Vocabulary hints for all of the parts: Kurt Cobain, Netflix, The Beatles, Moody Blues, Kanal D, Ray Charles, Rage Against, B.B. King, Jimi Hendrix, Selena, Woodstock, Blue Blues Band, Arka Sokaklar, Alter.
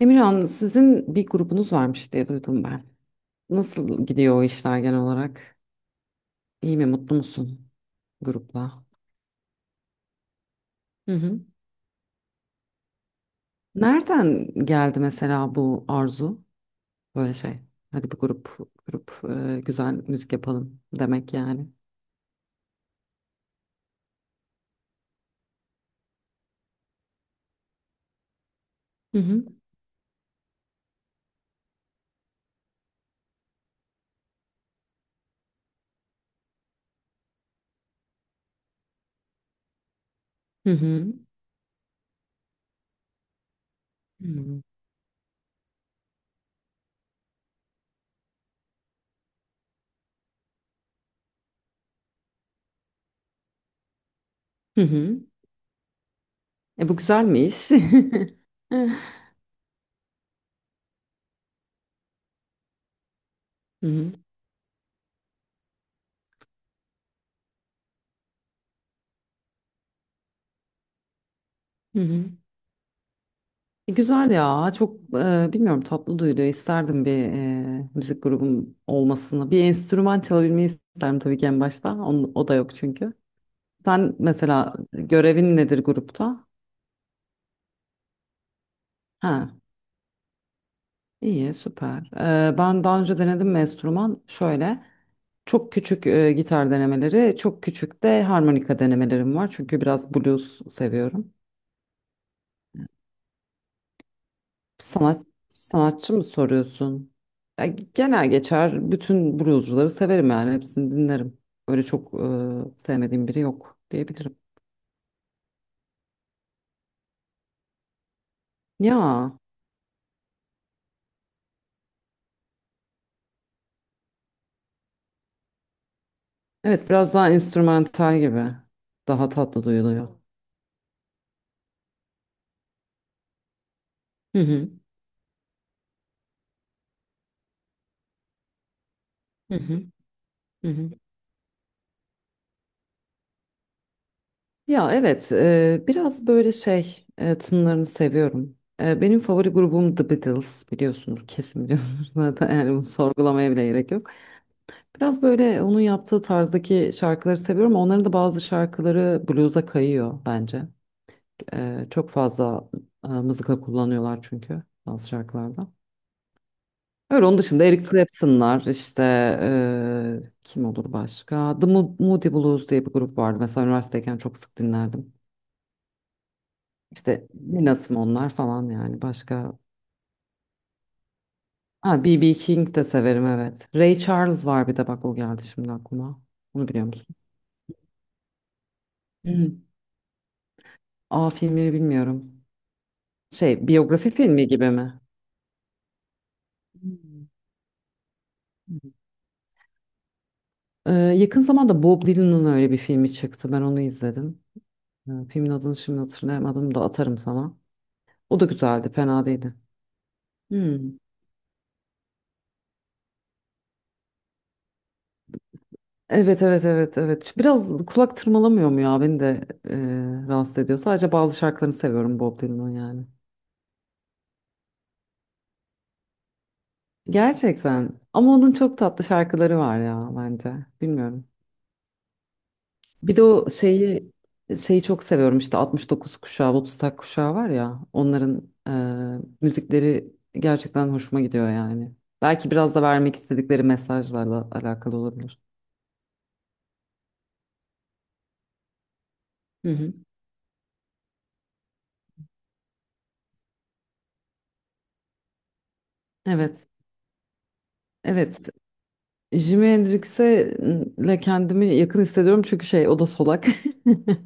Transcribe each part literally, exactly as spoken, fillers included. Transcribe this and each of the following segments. Emirhan, sizin bir grubunuz varmış diye duydum ben. Nasıl gidiyor o işler genel olarak? İyi mi, mutlu musun grupla? Hı hı. Nereden geldi mesela bu arzu? Böyle şey. Hadi bir grup, grup e, güzel müzik yapalım demek yani. Hı hı. Hı hı. Hı hı. Hı hı. E bu güzel mi iş? Hı hı. Hı hı. E, Güzel ya, çok e, bilmiyorum, tatlı duyuluyor, isterdim bir e, müzik grubum olmasını, bir enstrüman çalabilmeyi isterdim tabii ki en başta. Onun- o da yok, çünkü sen mesela görevin nedir grupta? Ha, iyi, süper. E, ben daha önce denedim mi enstrüman? Şöyle çok küçük e, gitar denemeleri, çok küçük de harmonika denemelerim var çünkü biraz blues seviyorum. Sanat, sanatçı mı soruyorsun? Ya, genel geçer bütün bluescuları severim yani, hepsini dinlerim. Öyle çok e, sevmediğim biri yok diyebilirim. Ya evet, biraz daha enstrümantal gibi. Daha tatlı duyuluyor. Hı hı, hı hı, hı hı. Ya evet, e, biraz böyle şey, e, tınlarını seviyorum. E, benim favori grubum The Beatles, biliyorsunuz, kesin biliyorsunuz, zaten yani bunu sorgulamaya bile gerek yok. Biraz böyle onun yaptığı tarzdaki şarkıları seviyorum. Onların da bazı şarkıları blues'a kayıyor bence. Ee, çok fazla e, mızıka kullanıyorlar çünkü bazı şarkılarda. Öyle, onun dışında Eric Clapton'lar işte, e, kim olur başka? The Mo- Moody Blues diye bir grup vardı, mesela üniversiteyken çok sık dinlerdim. İşte Nina Simone'lar falan yani, başka. Ha, B B. King de severim, evet. Ray Charles var, bir de bak, o geldi şimdi aklıma. Bunu biliyor musun? Hı. Aa, filmini bilmiyorum. Şey, biyografi filmi gibi mi? Hmm. Ee, yakın zamanda Bob Dylan'ın öyle bir filmi çıktı, ben onu izledim. Ee, filmin adını şimdi hatırlayamadım da atarım sana. O da güzeldi, fena değildi. Hmm. Evet, evet, evet, evet. Şu biraz kulak tırmalamıyor mu ya? Beni de e, rahatsız ediyor. Sadece bazı şarkılarını seviyorum Bob Dylan'ın yani. Gerçekten. Ama onun çok tatlı şarkıları var ya bence. Bilmiyorum. Bir de o şeyi şeyi çok seviyorum işte, altmış dokuz kuşağı, Woodstock kuşağı var ya, onların e, müzikleri gerçekten hoşuma gidiyor yani. Belki biraz da vermek istedikleri mesajlarla alakalı olabilir. Hı hı. Evet. Evet. Jimi Hendrix'e le kendimi yakın hissediyorum çünkü şey, o da solak.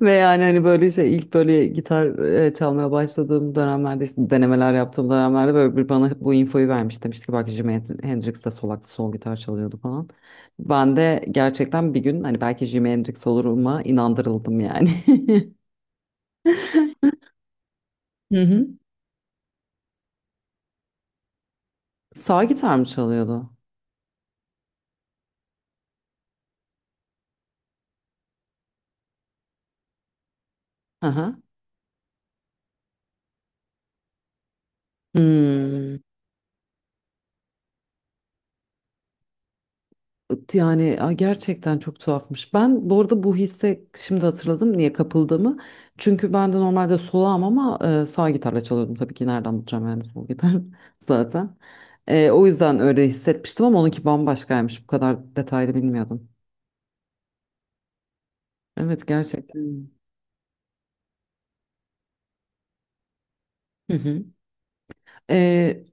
Ve yani hani böyle şey, ilk böyle gitar e, çalmaya başladığım dönemlerde, işte denemeler yaptığım dönemlerde, böyle bir bana bu infoyu vermiş. Demişti ki bak, Jimi Hendrix Hendrix de sol aklı sol gitar çalıyordu falan. Ben de gerçekten bir gün hani belki Jimi Hendrix oluruma inandırıldım yani. Hı hı. Sağ gitar mı çalıyordu? Aha. Hmm. Yani a, gerçekten çok tuhafmış. Ben bu arada bu hisse şimdi hatırladım niye kapıldığımı. Çünkü ben de normalde solağım ama e, sağ gitarla çalıyordum. Tabii ki nereden bulacağım yani sol gitar zaten. E, o yüzden öyle hissetmiştim ama onunki bambaşkaymış. Bu kadar detaylı bilmiyordum. Evet, gerçekten. Hmm. Hı hı. E,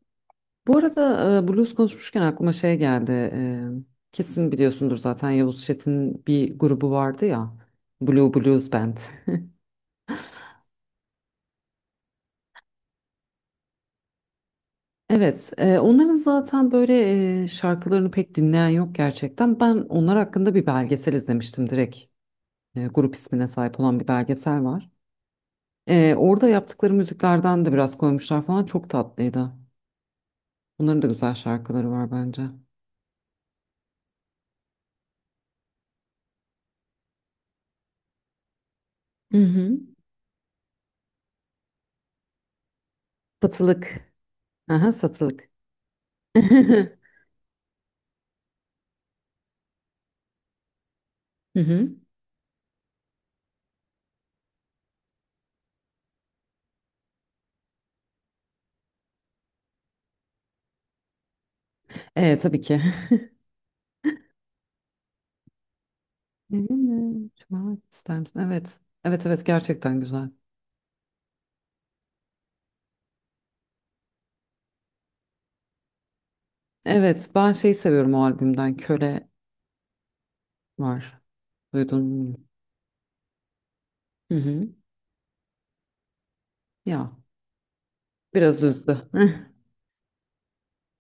Bu arada, e, blues konuşmuşken aklıma şey geldi. E, kesin biliyorsundur zaten, Yavuz Çetin'in bir grubu vardı ya, Blue Blues Band. Evet, e, onların zaten böyle e, şarkılarını pek dinleyen yok gerçekten. Ben onlar hakkında bir belgesel izlemiştim direkt. E, grup ismine sahip olan bir belgesel var. E, orada yaptıkları müziklerden de biraz koymuşlar falan. Çok tatlıydı. Onların da güzel şarkıları var bence. Hı hı. Satılık. Aha, satılık. Hı hı. E, tabii ki. Evimi çalmak ister misin? Evet. Evet, evet, gerçekten güzel. Evet, ben şeyi seviyorum o albümden, Köle var. Duydun mu? Hı hı. Ya, biraz üzdü. Eh.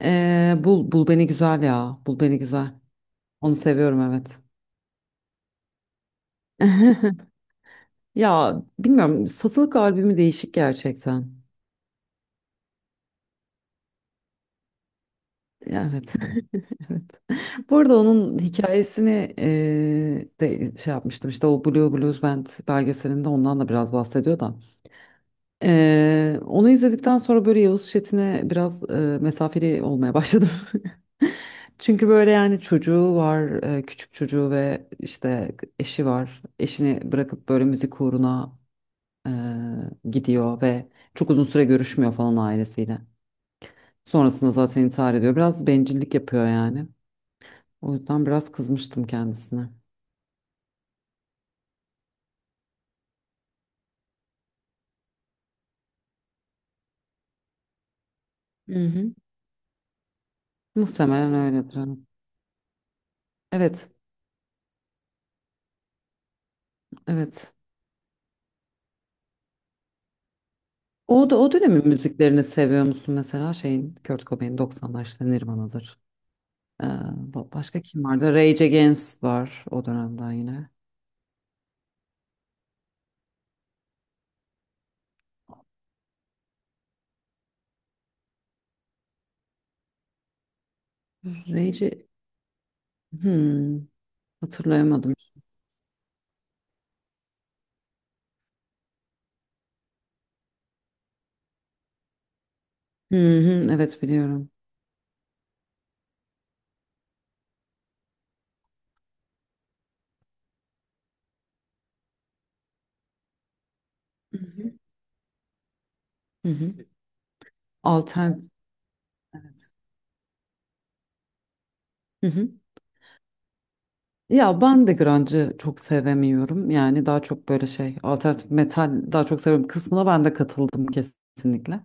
Ee, bul bul beni güzel ya. Bul Beni güzel. Onu seviyorum, evet. Ya, bilmiyorum, satılık albümü değişik gerçekten. Evet. Bu arada onun hikayesini eee, de şey yapmıştım işte, o Blue Blues Band belgeselinde ondan da biraz bahsediyor da. Eee, onu izledikten sonra böyle Yavuz Şetin'e biraz eee, mesafeli olmaya başladım. Çünkü böyle yani, çocuğu var, eee, küçük çocuğu ve işte eşi var. Eşini bırakıp böyle müzik uğruna eee, gidiyor ve çok uzun süre görüşmüyor falan ailesiyle. Sonrasında zaten intihar ediyor. Biraz bencillik yapıyor yani. O yüzden biraz kızmıştım kendisine. Hı hı. Muhtemelen öyledir, hani. Evet, evet. O da, o dönemin müziklerini seviyor musun mesela? Şeyin, Kurt Cobain, doksanlar işte, Nirvana'dır. Ee, ba- başka kim vardı? Rage Against var o dönemden yine. Rage hmm, hatırlayamadım. Hı hı, evet biliyorum. Hı hı. Hı hı. Alter evet. Hı hı. Ya ben de grunge'ı çok sevemiyorum. Yani daha çok böyle şey, alternatif metal daha çok seviyorum kısmına ben de katıldım kesinlikle.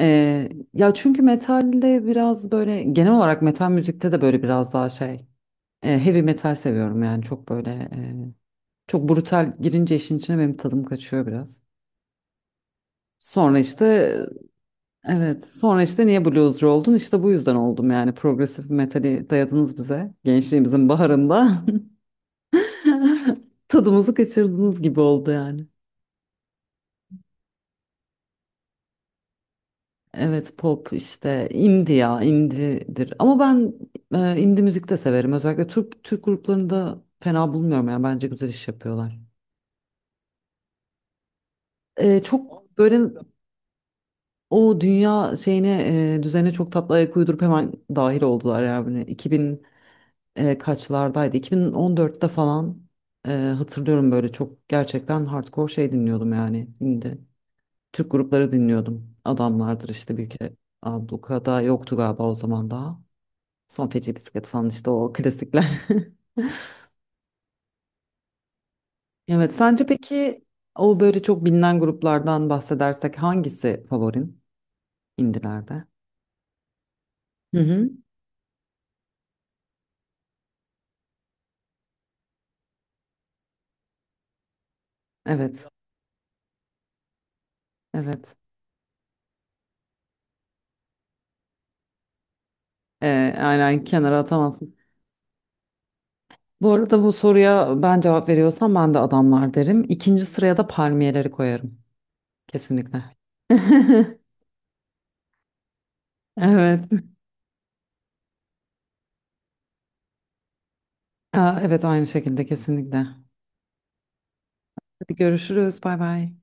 Ee, ya çünkü metalde biraz böyle, genel olarak metal müzikte de böyle, biraz daha şey, e, heavy metal seviyorum yani, çok böyle e, çok brutal girince işin içine benim tadım kaçıyor biraz. Sonra işte evet, sonra işte niye bluescu oldun, İşte bu yüzden oldum yani, progresif metali dayadınız bize gençliğimizin baharında tadımızı kaçırdığınız gibi oldu yani. Evet, pop işte indie ya, indie'dir ama ben e, indie müzik de severim, özellikle Türk Türk gruplarını da fena bulmuyorum yani, bence güzel iş yapıyorlar. E, çok böyle o dünya şeyine, e, düzene çok tatlı ayak uydurup hemen dahil oldular yani, iki bin e, kaçlardaydı, iki bin on dörtte falan e, hatırlıyorum, böyle çok gerçekten hardcore şey dinliyordum yani, indie Türk grupları dinliyordum, adamlardır işte bir kere, ablukada yoktu galiba o zaman daha. Son Feci Bisiklet falan işte, o klasikler. Evet, sence peki o böyle çok bilinen gruplardan bahsedersek hangisi favorin indilerde? Hı hı. Evet, evet. Ee, aynen, kenara atamazsın. Bu arada bu soruya ben cevap veriyorsam, ben de Adamlar derim. İkinci sıraya da Palmiyeleri koyarım. Kesinlikle. Evet. Aa, evet, aynı şekilde kesinlikle. Hadi görüşürüz. Bay bay.